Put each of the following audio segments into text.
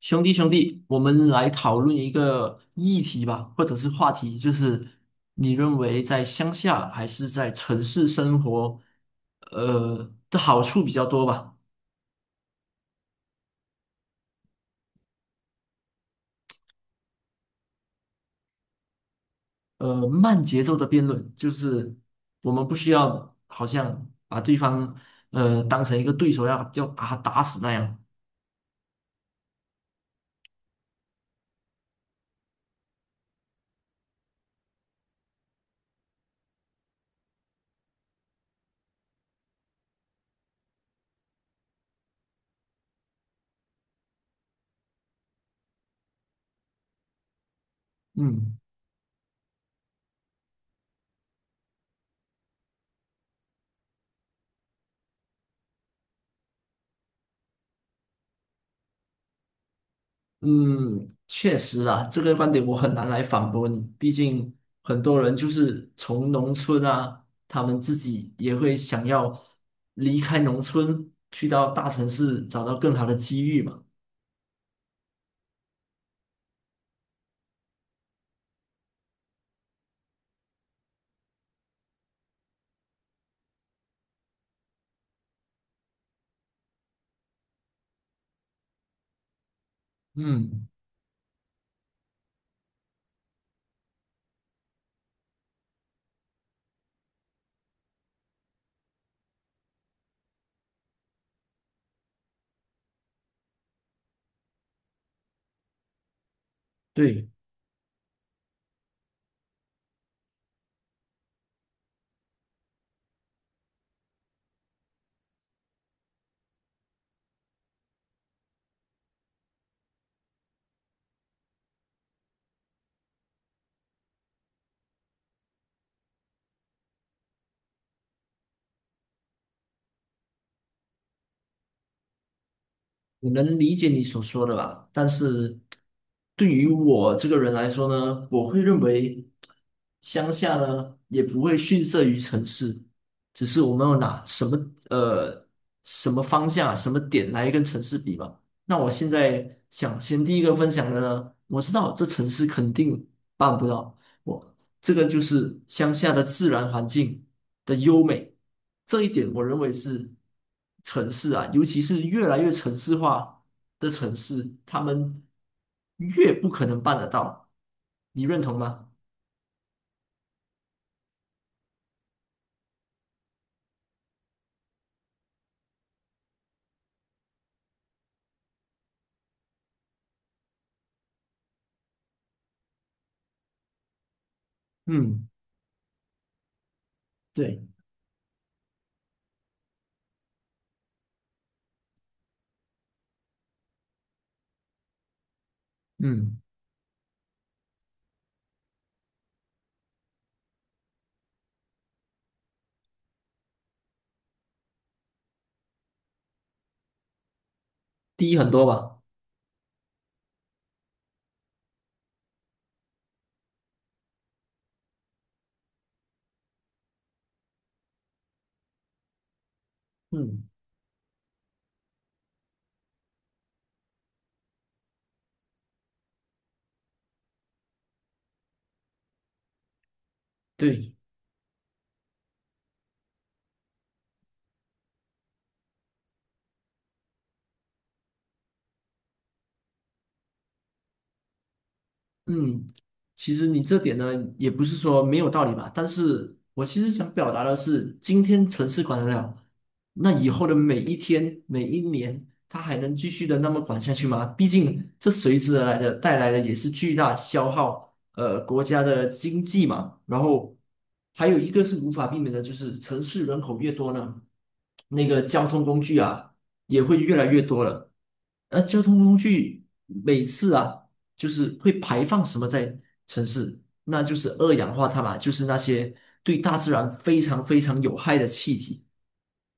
兄弟，兄弟，我们来讨论一个议题吧，或者是话题，就是你认为在乡下还是在城市生活，的好处比较多吧？慢节奏的辩论，就是我们不需要好像把对方当成一个对手要把他打死那样。嗯。嗯，确实啊，这个观点我很难来反驳你。毕竟很多人就是从农村啊，他们自己也会想要离开农村，去到大城市找到更好的机遇嘛。嗯，对。我能理解你所说的吧，但是对于我这个人来说呢，我会认为乡下呢也不会逊色于城市，只是我们有拿什么呃什么方向、什么点来跟城市比嘛。那我现在想先第一个分享的呢，我知道这城市肯定办不到，我这个就是乡下的自然环境。的优美，这一点我认为是城市啊，尤其是越来越城市化的城市，他们越不可能办得到，你认同吗？嗯，对，嗯，低很多吧。嗯，对。嗯，其实你这点呢，也不是说没有道理吧，但是我其实想表达的是，今天城市管得了，那以后的每一天、每一年，它还能继续的那么管下去吗？毕竟这随之而来的带来的也是巨大消耗，国家的经济嘛。然后还有一个是无法避免的，就是城市人口越多呢，那个交通工具啊。也会越来越多了。而交通工具每次啊，就是会排放什么在城市，那就是二氧化碳嘛，就是那些对大自然非常非常有害的气体。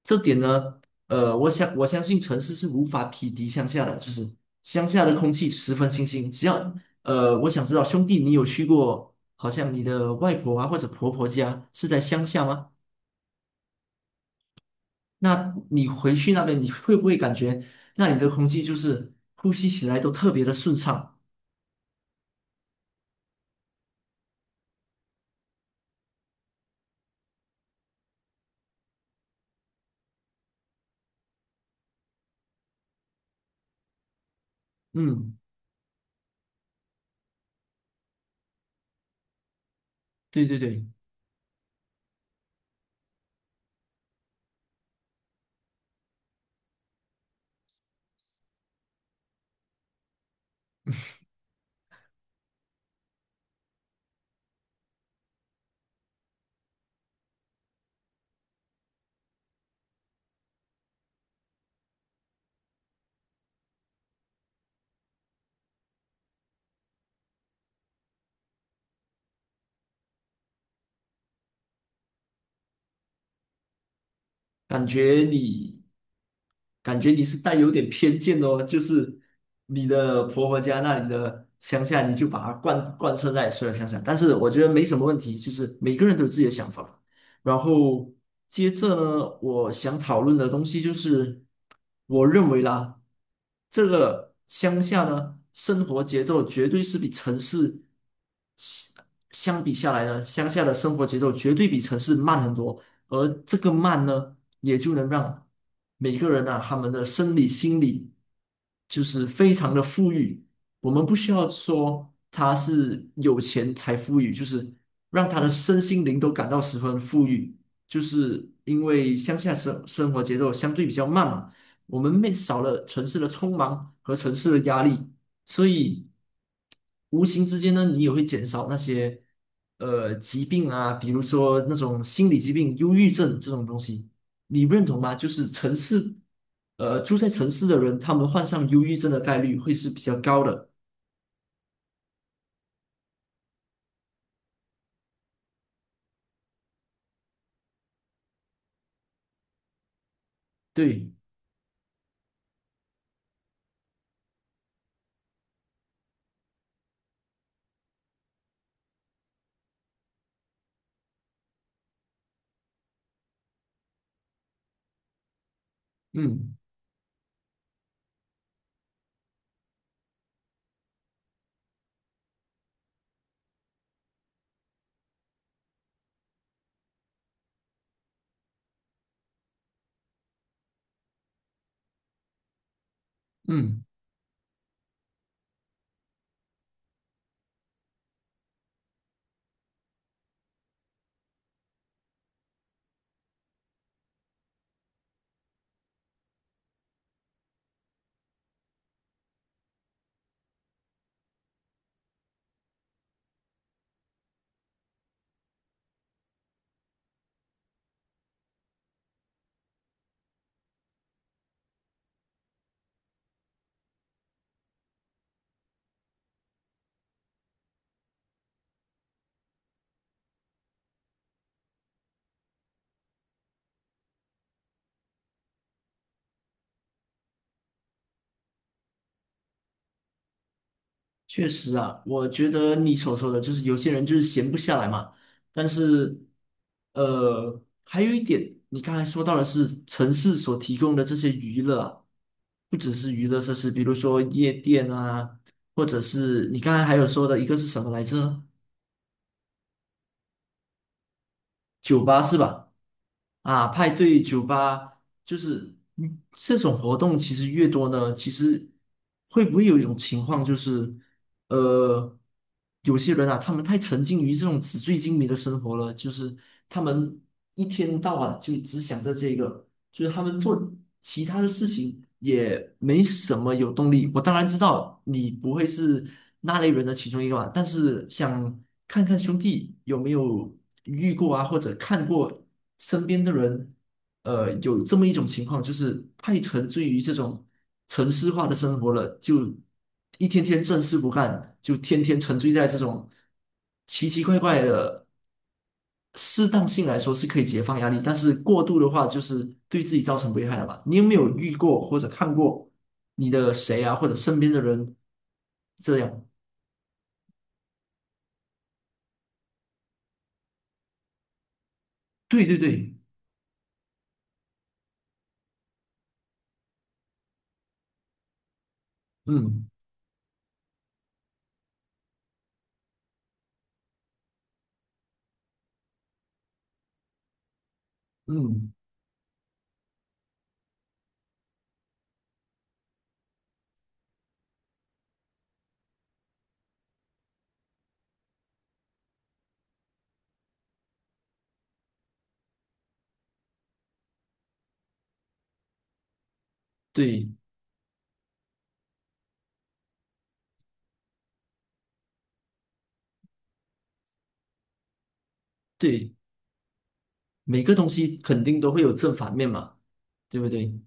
这点呢，我想我相信城市是无法匹敌乡下的，就是乡下的空气十分清新。只要我想知道兄弟，你有去过，好像你的外婆啊或者婆婆家是在乡下吗？那你回去那边，你会不会感觉那里的空气就是呼吸起来都特别的顺畅？嗯，对对对。感觉你，感觉你是带有点偏见哦，就是你的婆婆家那里的乡下，你就把它贯彻在所有乡下。但是我觉得没什么问题，就是每个人都有自己的想法。然后接着呢，我想讨论的东西就是，我认为啦，这个乡下呢，生活节奏绝对是比城市相相比下来呢，乡下的生活节奏绝对比城市慢很多，而这个慢呢。也就能让每个人呐、他们的生理、心理就是非常的富裕。我们不需要说他是有钱才富裕，就是让他的身心灵都感到十分富裕。就是因为乡下生活节奏相对比较慢嘛，我们没少了城市的匆忙和城市的压力，所以。无形之间呢，你也会减少那些疾病啊，比如说那种心理疾病、忧郁症这种东西，你认同吗？就是城市，住在城市的人，他们患上忧郁症的概率会是比较高的。对，嗯嗯。确实啊，我觉得你所说的就是有些人就是闲不下来嘛。但是，还有一点，你刚才说到的是城市所提供的这些娱乐啊不只是娱乐设施，比如说夜店啊，或者是你刚才还有说的一个是什么来着？酒吧是吧？啊，派对酒吧，就是嗯这种活动其实越多呢，其实会不会有一种情况就是？呃，有些人啊，他们太沉浸于这种纸醉金迷的生活了，就是他们一天到晚就只想着这个，就是他们做其他的事情也没什么有动力。我当然知道你不会是那类人的其中一个嘛，但是想看看兄弟有没有遇过啊，或者看过身边的人有这么一种情况，就是太沉醉于这种城市化的生活了，就一天天正事不干，就天天沉醉在这种奇奇怪怪的。适当性来说是可以解放压力，但是过度的话就是对自己造成危害了嘛。你有没有遇过或者看过你的谁啊，或者身边的人这样？对对对，嗯嗯，对对，每个东西肯定都会有正反面嘛，对不对？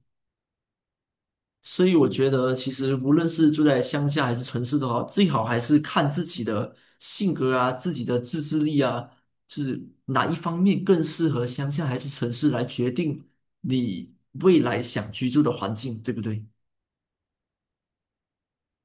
所以我觉得，其实无论是住在乡下还是城市都好，最好还是看自己的性格啊、自己的自制力啊，就是哪一方面更适合乡下还是城市来决定你未来想居住的环境，对不对？